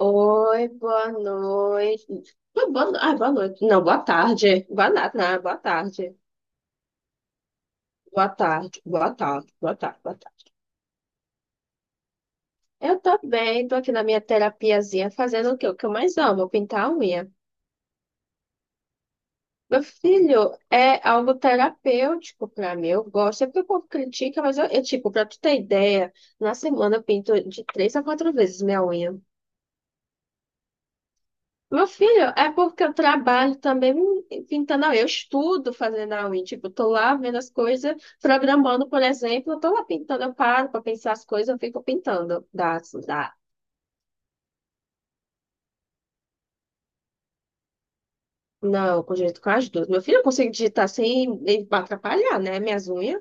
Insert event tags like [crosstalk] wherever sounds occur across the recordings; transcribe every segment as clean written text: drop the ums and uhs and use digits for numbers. Oi, boa noite. Boa, boa no- ah, Boa noite. Não, boa tarde. Boa nada, né? Boa tarde. Boa tarde, boa tarde, boa tarde, boa tarde. Eu tô bem, tô aqui na minha terapiazinha fazendo o que eu mais amo, pintar a unha. Meu filho, é algo terapêutico pra mim. Eu gosto, sempre que o povo critica, mas eu, tipo, pra tu ter ideia, na semana eu pinto de três a quatro vezes minha unha. Meu filho, é porque eu trabalho também pintando a unha. Eu estudo fazendo a unha. Tipo, eu tô lá vendo as coisas, programando, por exemplo, eu tô lá pintando, eu paro pra pensar as coisas, eu fico pintando. Dá. Não, com jeito com as duas. Meu filho, eu consigo digitar sem me atrapalhar, né? Minhas unhas.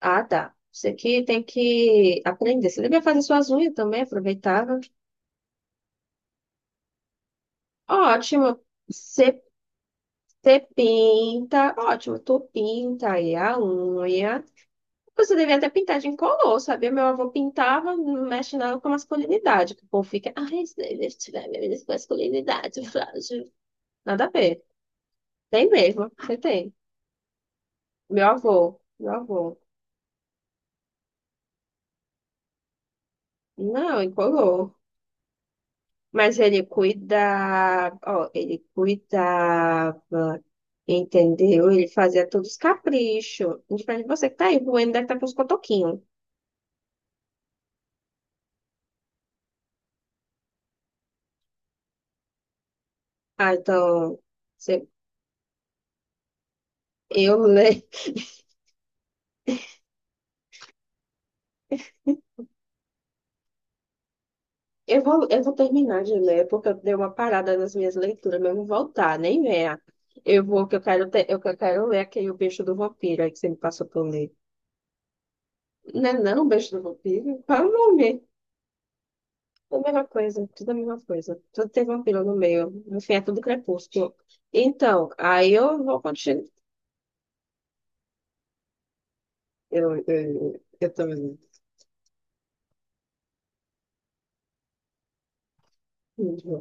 Ah, dá. Isso aqui tem que aprender. Você devia fazer suas unhas também, aproveitava. Ótimo. Você você pinta, ótimo, tu pinta aí a unha. Você devia até pintar de incolor, sabia? Meu avô pintava, não mexe nada com masculinidade, que o povo fica: ai, isso daí deve tirar minha vida, com masculinidade frágil. Nada a ver. Tem mesmo, você tem. Meu avô. Não, incolor. Mas ele cuidava, entendeu? Ele fazia todos os caprichos. Diferente de você que tá aí, o Bueno deve estar com os cotoquinhos. Ah, então, você- eu lembro. Eu vou terminar de ler, porque eu dei uma parada nas minhas leituras, mas eu vou voltar, nem venha. Eu vou, que eu quero, ter, eu, Que eu quero ler aquele O Beijo do Vampiro aí que você me passou pra eu ler. Não é não, O Beijo do Vampiro? Qual é o nome? É a mesma coisa, tudo é a mesma coisa. Tudo tem vampiro no meio, no fim é tudo crepúsculo. Então, aí eu vou continuar. Eu também.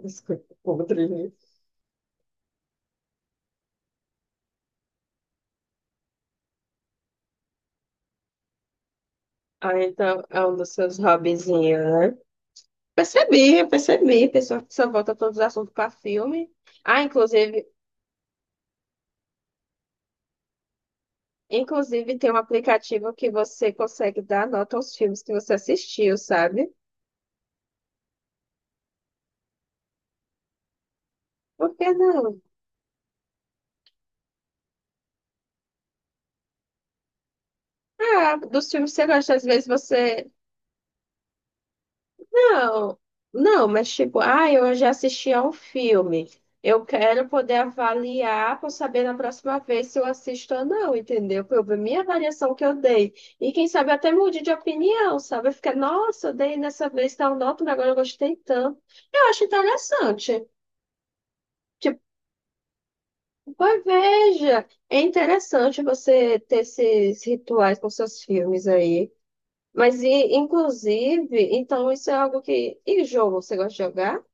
Desculpa, outro jeito. Ah, então, é um dos seus hobbyzinhos, né? Percebi, eu percebi. Pessoa que só volta todos os assuntos para filme. Ah, inclusive tem um aplicativo que você consegue dar nota aos filmes que você assistiu, sabe? Por que não? Ah, dos filmes que você gosta, às vezes você... Não, não, mas tipo, ah, eu já assisti a um filme. Eu quero poder avaliar para saber na próxima vez se eu assisto ou não, entendeu? Para eu ver minha avaliação que eu dei. E quem sabe até mude de opinião, sabe? Fica: nossa, eu dei nessa vez tal nota, mas agora eu gostei tanto. Eu acho interessante. Tipo, pois veja, é interessante você ter esses rituais com seus filmes aí. Mas, e, inclusive, então isso é algo que... E jogo, você gosta de jogar?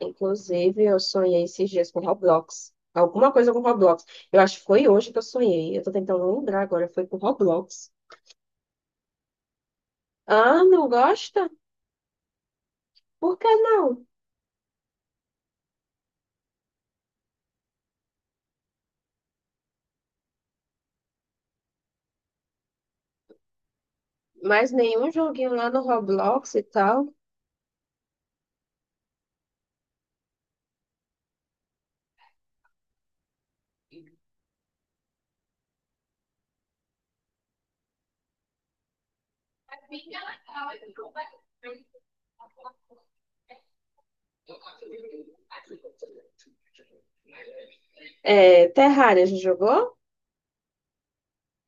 Inclusive, eu sonhei esses dias com Roblox. Alguma coisa com Roblox. Eu acho que foi hoje que eu sonhei. Eu tô tentando lembrar agora. Foi com Roblox. Ah, não gosta? Por que não? Mas nenhum joguinho lá no Roblox e tal? É, Terraria, já jogou?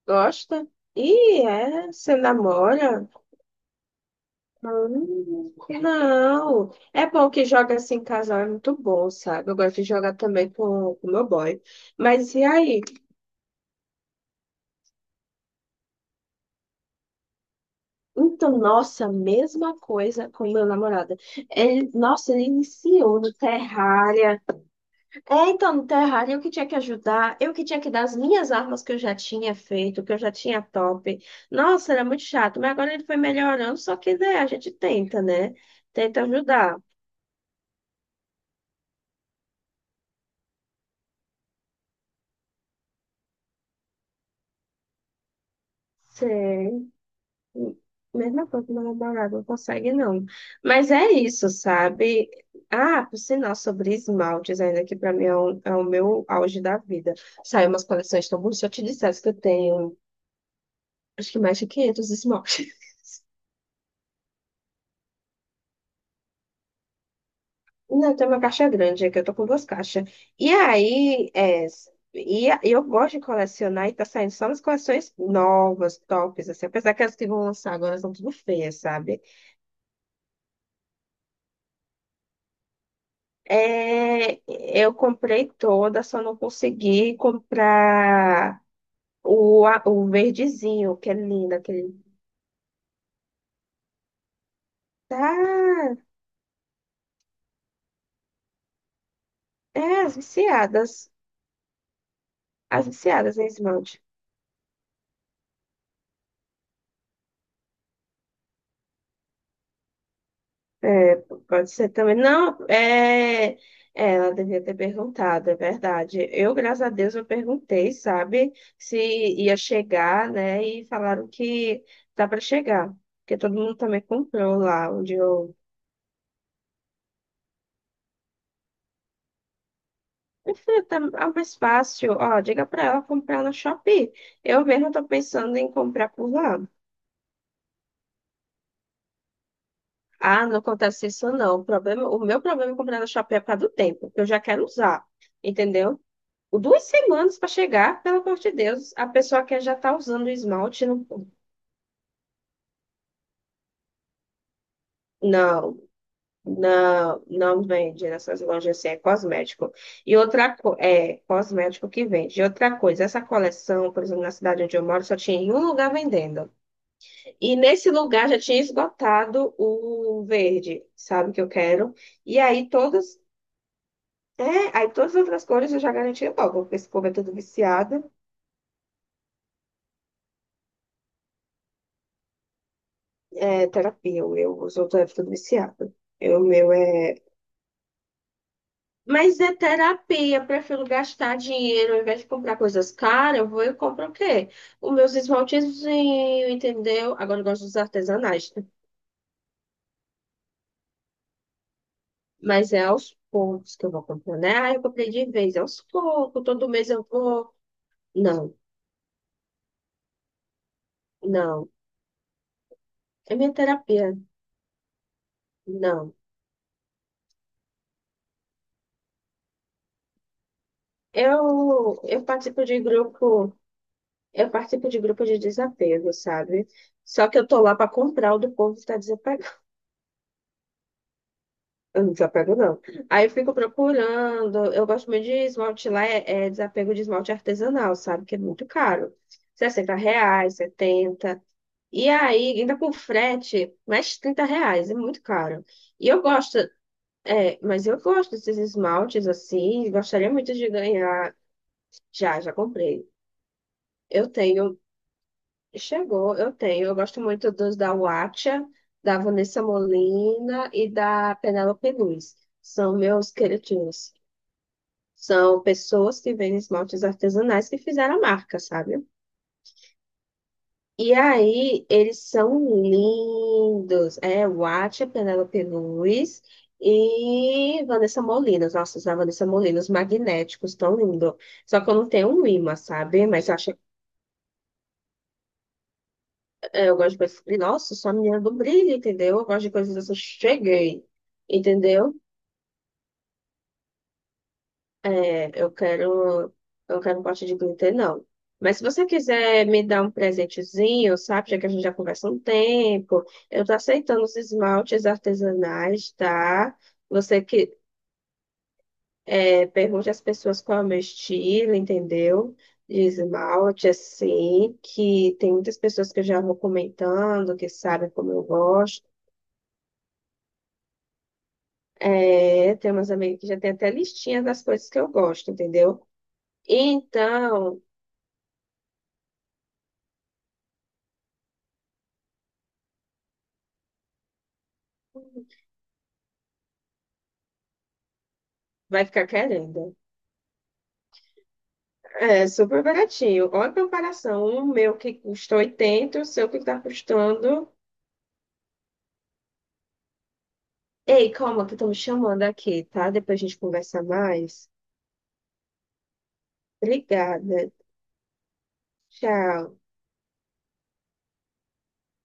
Gosta? Ih, é? Você namora? Hum, não. É bom que joga assim em casal, é muito bom, sabe? Eu gosto de jogar também com o meu boy. Mas e aí? Então, nossa, mesma coisa com meu namorado. Ele, nossa, ele iniciou no Terraria. É, então, no Terraria, eu que tinha que ajudar, eu que tinha que dar as minhas armas que eu já tinha feito, que eu já tinha top. Nossa, era muito chato, mas agora ele foi melhorando, só que né, a gente tenta, né? Tenta ajudar. Sei. Mesma coisa que meu namorado não consegue, não. Mas é isso, sabe? Ah, por sinal, sobre esmaltes, ainda que pra mim é, é o meu auge da vida. Saiu umas coleções tão bonitas. Se eu te dissesse que eu tenho, acho que mais de 500 esmaltes. [laughs] Não, tem uma caixa grande aqui, eu tô com duas caixas. E aí, é, e a- eu gosto de colecionar e tá saindo só nas coleções novas, tops, assim. Apesar que as que vão lançar agora são tudo feias, sabe? É, eu comprei toda, só não consegui comprar o verdezinho, que é lindo, aquele. Tá, é, as viciadas. As viciadas em esmalte. É, pode ser também. Não, ela devia ter perguntado, é verdade. Eu, graças a Deus, eu perguntei, sabe, se ia chegar, né? E falaram que dá para chegar, porque todo mundo também comprou lá onde eu... Isso tá... É mais fácil, ó, diga pra ela comprar no Shopee. Eu mesmo tô pensando em comprar por lá. Ah, não acontece isso não. O problema, o meu problema é comprar no Shopee é por causa do tempo, que eu já quero usar, entendeu? O 2 semanas para chegar, pelo amor de Deus, a pessoa que já tá usando o esmalte, não, não, não, não vende nessas lojas assim, é cosmético. É cosmético que vende. E outra coisa, essa coleção, por exemplo, na cidade onde eu moro, só tinha em um lugar vendendo. E nesse lugar já tinha esgotado o verde, sabe, que eu quero. E aí todas, aí todas as outras cores eu já garanti logo, porque esse povo é tudo viciado. É terapia, o meu, os outros é tudo viciado. Eu, o meu é. Mas é terapia, prefiro gastar dinheiro, ao invés de comprar coisas caras, eu vou e compro o quê? Os meus esmaltezinhos, entendeu? Agora eu gosto dos artesanais, né? Mas é aos poucos que eu vou comprando, né? Ah, eu comprei de vez, é aos poucos, todo mês eu vou. Não. Não, é minha terapia. Não. Eu, eu participo de grupo, eu participo de grupo de desapego, sabe? Só que eu tô lá para comprar o do povo que tá desapegado. [laughs] Eu não desapego, não. Aí eu fico procurando. Eu gosto muito de esmalte lá, é, é desapego de esmalte artesanal, sabe? Que é muito caro. R$ 60, 70. E aí, ainda com frete, mais R$ 30, é muito caro. E eu gosto, é, mas eu gosto desses esmaltes assim, gostaria muito de ganhar. Já, já comprei. Eu tenho, chegou, eu tenho. Eu gosto muito dos da Watcha, da Vanessa Molina e da Penélope Luz. São meus queridinhos. São pessoas que vendem esmaltes artesanais que fizeram a marca, sabe? E aí, eles são lindos. É Watcha, Penélope Luz e Vanessa Molina. Nossa, os da Vanessa Molina, os magnéticos, tão lindo. Só que eu não tenho um imã, sabe? Mas eu acho... É, eu gosto de coisas. E, nossa, sou a menina do brilho, entendeu? Eu gosto de coisas assim, cheguei, entendeu? É, eu quero um pote de glitter, não. Mas se você quiser me dar um presentezinho, sabe? Já que a gente já conversa um tempo, eu tô aceitando os esmaltes artesanais, tá? Você que é, pergunte às pessoas qual é o meu estilo, entendeu? De esmalte, assim, que tem muitas pessoas que eu já vou comentando, que sabem como eu gosto. É, tem umas amigas que já tem até listinha das coisas que eu gosto, entendeu? Então, vai ficar querendo. É super baratinho. Olha a comparação. O meu que custa 80, o seu que tá custando... Ei, calma, que estão me chamando aqui, tá? Depois a gente conversa mais. Obrigada. Tchau.